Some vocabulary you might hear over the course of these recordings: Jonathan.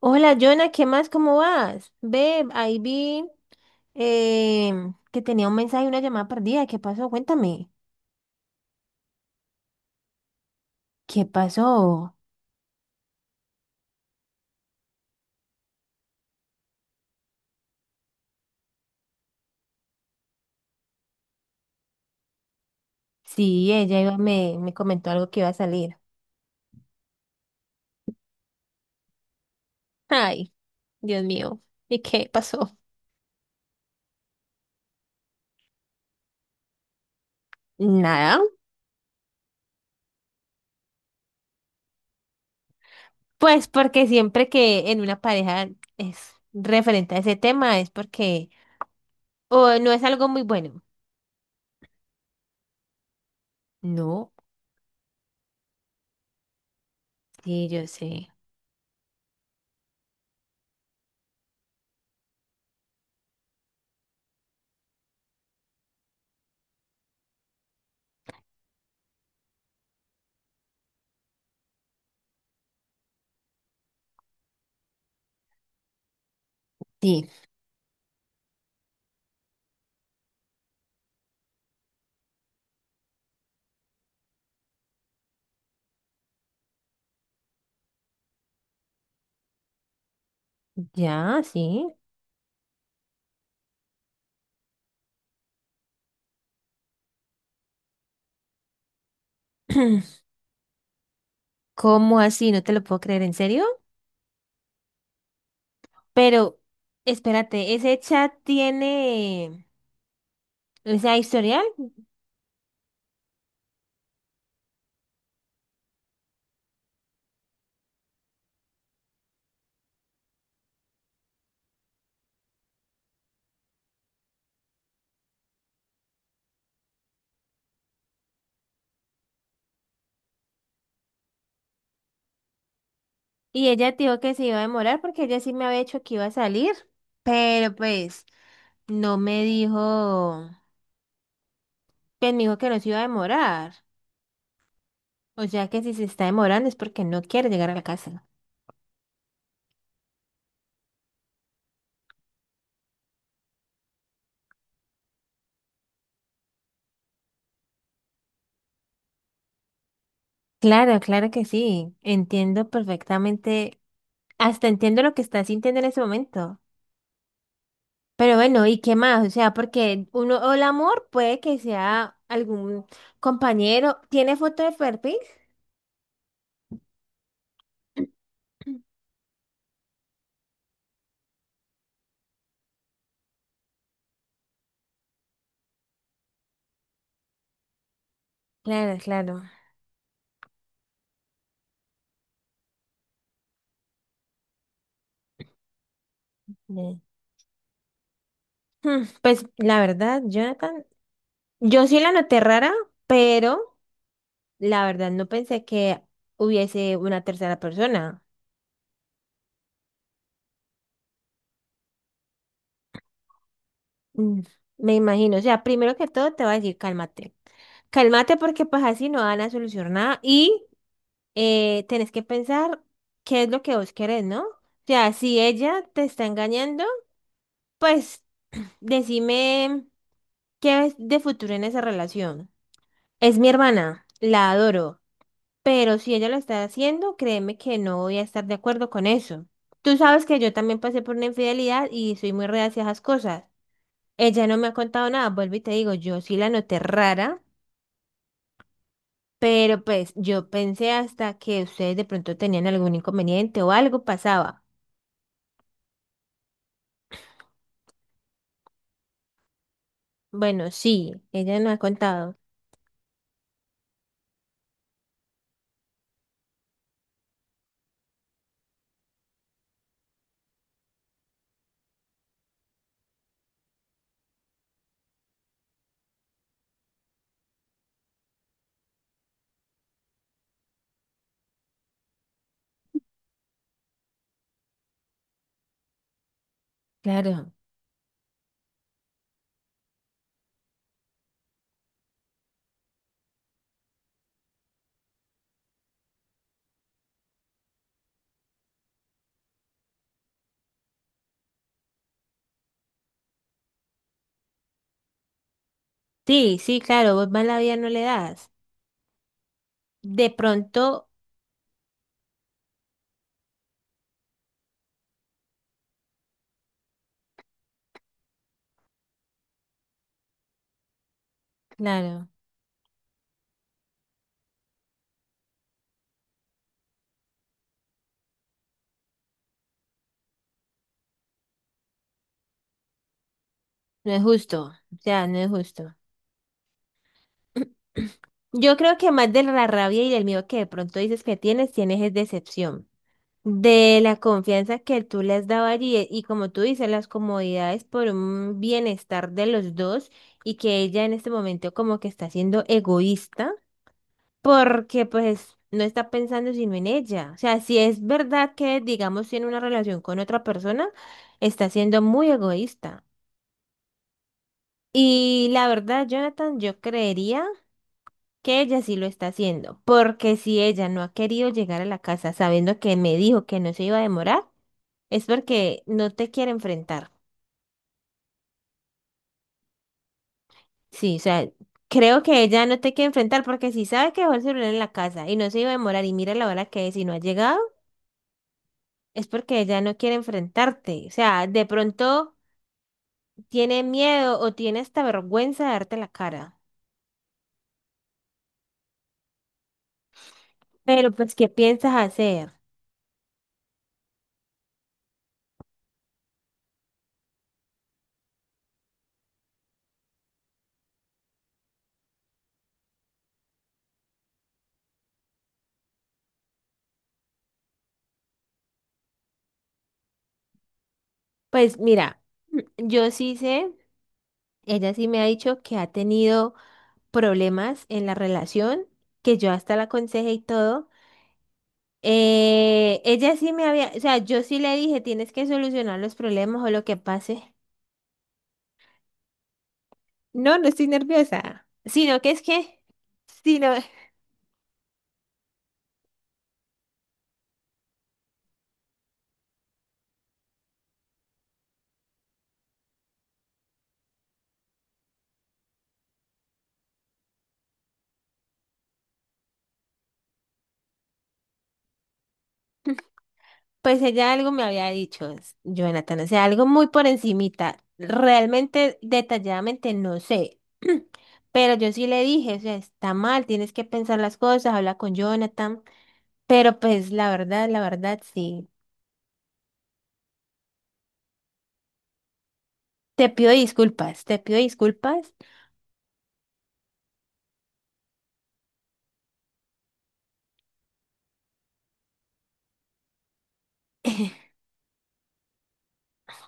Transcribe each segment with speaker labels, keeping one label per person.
Speaker 1: Hola, Jonah, ¿qué más? ¿Cómo vas? Ve, ahí vi que tenía un mensaje y una llamada perdida. ¿Qué pasó? Cuéntame. ¿Qué pasó? Sí, ella iba- me comentó algo que iba a salir. Ay, Dios mío. ¿Y qué pasó? Nada. Pues porque siempre que en una pareja es referente a ese tema es porque o no es algo muy bueno. No, sí, yo sé. Sí, ya, sí. ¿Cómo así? No te lo puedo creer, ¿en serio? Pero espérate, ese chat tiene esa historial. Y ella dijo que se iba a demorar porque ella sí me había dicho que iba a salir, pero pues no me dijo, pues me dijo que no se iba a demorar. O sea que si se está demorando es porque no quiere llegar a la casa. Claro, claro que sí, entiendo perfectamente, hasta entiendo lo que está sintiendo en ese momento. Pero bueno, ¿y qué más? O sea, porque uno, o el amor puede que sea algún compañero. ¿Tiene foto de perfil? Claro, claro. Bien. Hmm, pues la verdad, Jonathan, yo sí la noté rara, pero la verdad no pensé que hubiese una tercera persona. Mm, me imagino, o sea, primero que todo te va a decir cálmate. Cálmate porque pues así no van a solucionar nada y tenés que pensar qué es lo que vos querés, ¿no? O sea, si ella te está engañando, pues decime qué es de futuro en esa relación. Es mi hermana, la adoro, pero si ella lo está haciendo, créeme que no voy a estar de acuerdo con eso. Tú sabes que yo también pasé por una infidelidad y soy muy reacia a esas cosas. Ella no me ha contado nada, vuelvo y te digo, yo sí la noté rara. Pero pues yo pensé hasta que ustedes de pronto tenían algún inconveniente o algo pasaba. Bueno, sí, ella nos ha contado. Claro. Sí, sí, claro, vos más la vida no le das. De pronto, claro, no es justo. O sea, no es justo. Yo creo que más de la rabia y del miedo que de pronto dices que tienes, tienes es decepción. De la confianza que tú le has dado allí, y como tú dices, las comodidades por un bienestar de los dos y que ella en este momento como que está siendo egoísta porque pues no está pensando sino en ella. O sea, si es verdad que, digamos, tiene una relación con otra persona, está siendo muy egoísta. Y la verdad, Jonathan, yo creería que ella sí lo está haciendo, porque si ella no ha querido llegar a la casa sabiendo que me dijo que no se iba a demorar, es porque no te quiere enfrentar. Sí, o sea, creo que ella no te quiere enfrentar porque si sabe que dejó el celular en la casa y no se iba a demorar y mira la hora que es y no ha llegado. Es porque ya no quiere enfrentarte. O sea, de pronto tiene miedo o tiene esta vergüenza de darte la cara. Pero pues, ¿qué piensas hacer? Pues mira, yo sí sé, ella sí me ha dicho que ha tenido problemas en la relación, que yo hasta la aconsejé y todo. Ella sí me había, o sea, yo sí le dije, tienes que solucionar los problemas o lo que pase. No, no estoy nerviosa, sino que es que, sino Pues ella algo me había dicho, s- Jonathan, o sea, algo muy por encimita. Realmente, detalladamente, no sé. Pero yo sí le dije, o sea, está mal, tienes que pensar las cosas, habla con Jonathan. Pero pues la verdad, sí. Te pido disculpas, te pido disculpas.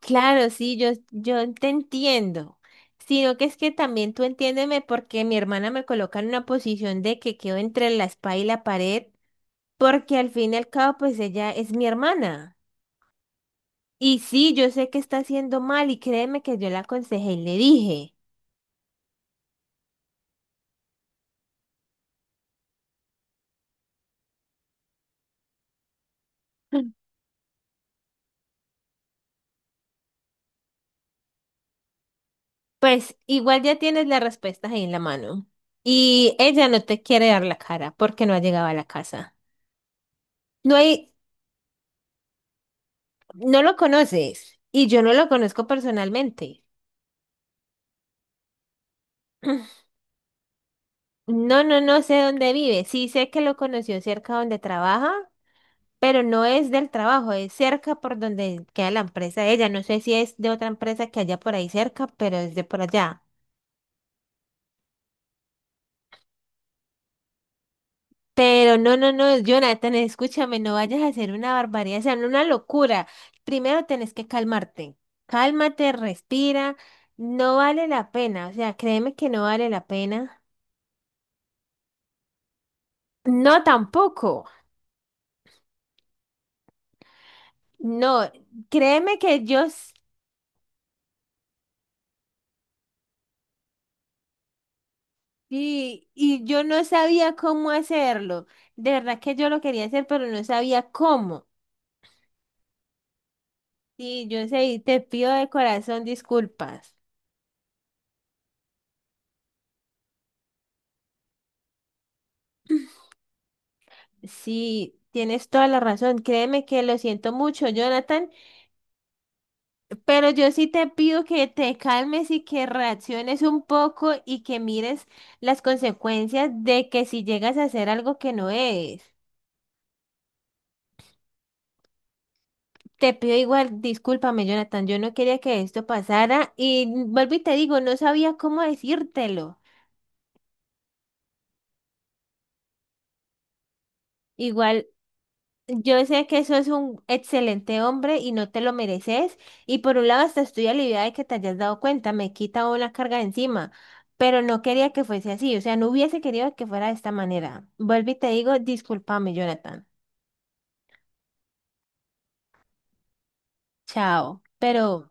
Speaker 1: Claro, sí, yo te entiendo. Sino que es que también tú entiéndeme porque mi hermana me coloca en una posición de que quedo entre la espada y la pared, porque al fin y al cabo, pues ella es mi hermana. Y sí, yo sé que está haciendo mal y créeme que yo la aconsejé y le dije, pues igual ya tienes las respuestas ahí en la mano. Y ella no te quiere dar la cara porque no ha llegado a la casa. No hay, no lo conoces y yo no lo conozco personalmente. No, no, no sé dónde vive. Sí sé que lo conoció cerca donde trabaja, pero no es del trabajo, es cerca por donde queda la empresa de ella. No sé si es de otra empresa que haya por ahí cerca, pero es de por allá. Pero no, no, no, Jonathan, escúchame, no vayas a hacer una barbaridad, o sea, no una locura. Primero tenés que calmarte. Cálmate, respira. No vale la pena, o sea, créeme que no vale la pena. No, tampoco. No, créeme que yo s- y yo no sabía cómo hacerlo. De verdad que yo lo quería hacer, pero no sabía cómo. Sí, yo sé, y te pido de corazón disculpas. Sí, tienes toda la razón. Créeme que lo siento mucho, Jonathan. Pero yo sí te pido que te calmes y que reacciones un poco y que mires las consecuencias de que si llegas a hacer algo que no es. Te pido igual, discúlpame, Jonathan, yo no quería que esto pasara y vuelvo y te digo, no sabía cómo decírtelo. Igual yo sé que eso es un excelente hombre y no te lo mereces. Y por un lado, hasta estoy aliviada de que te hayas dado cuenta, me quita una carga de encima. Pero no quería que fuese así, o sea, no hubiese querido que fuera de esta manera. Vuelvo y te digo, discúlpame, Jonathan. Chao. Pero.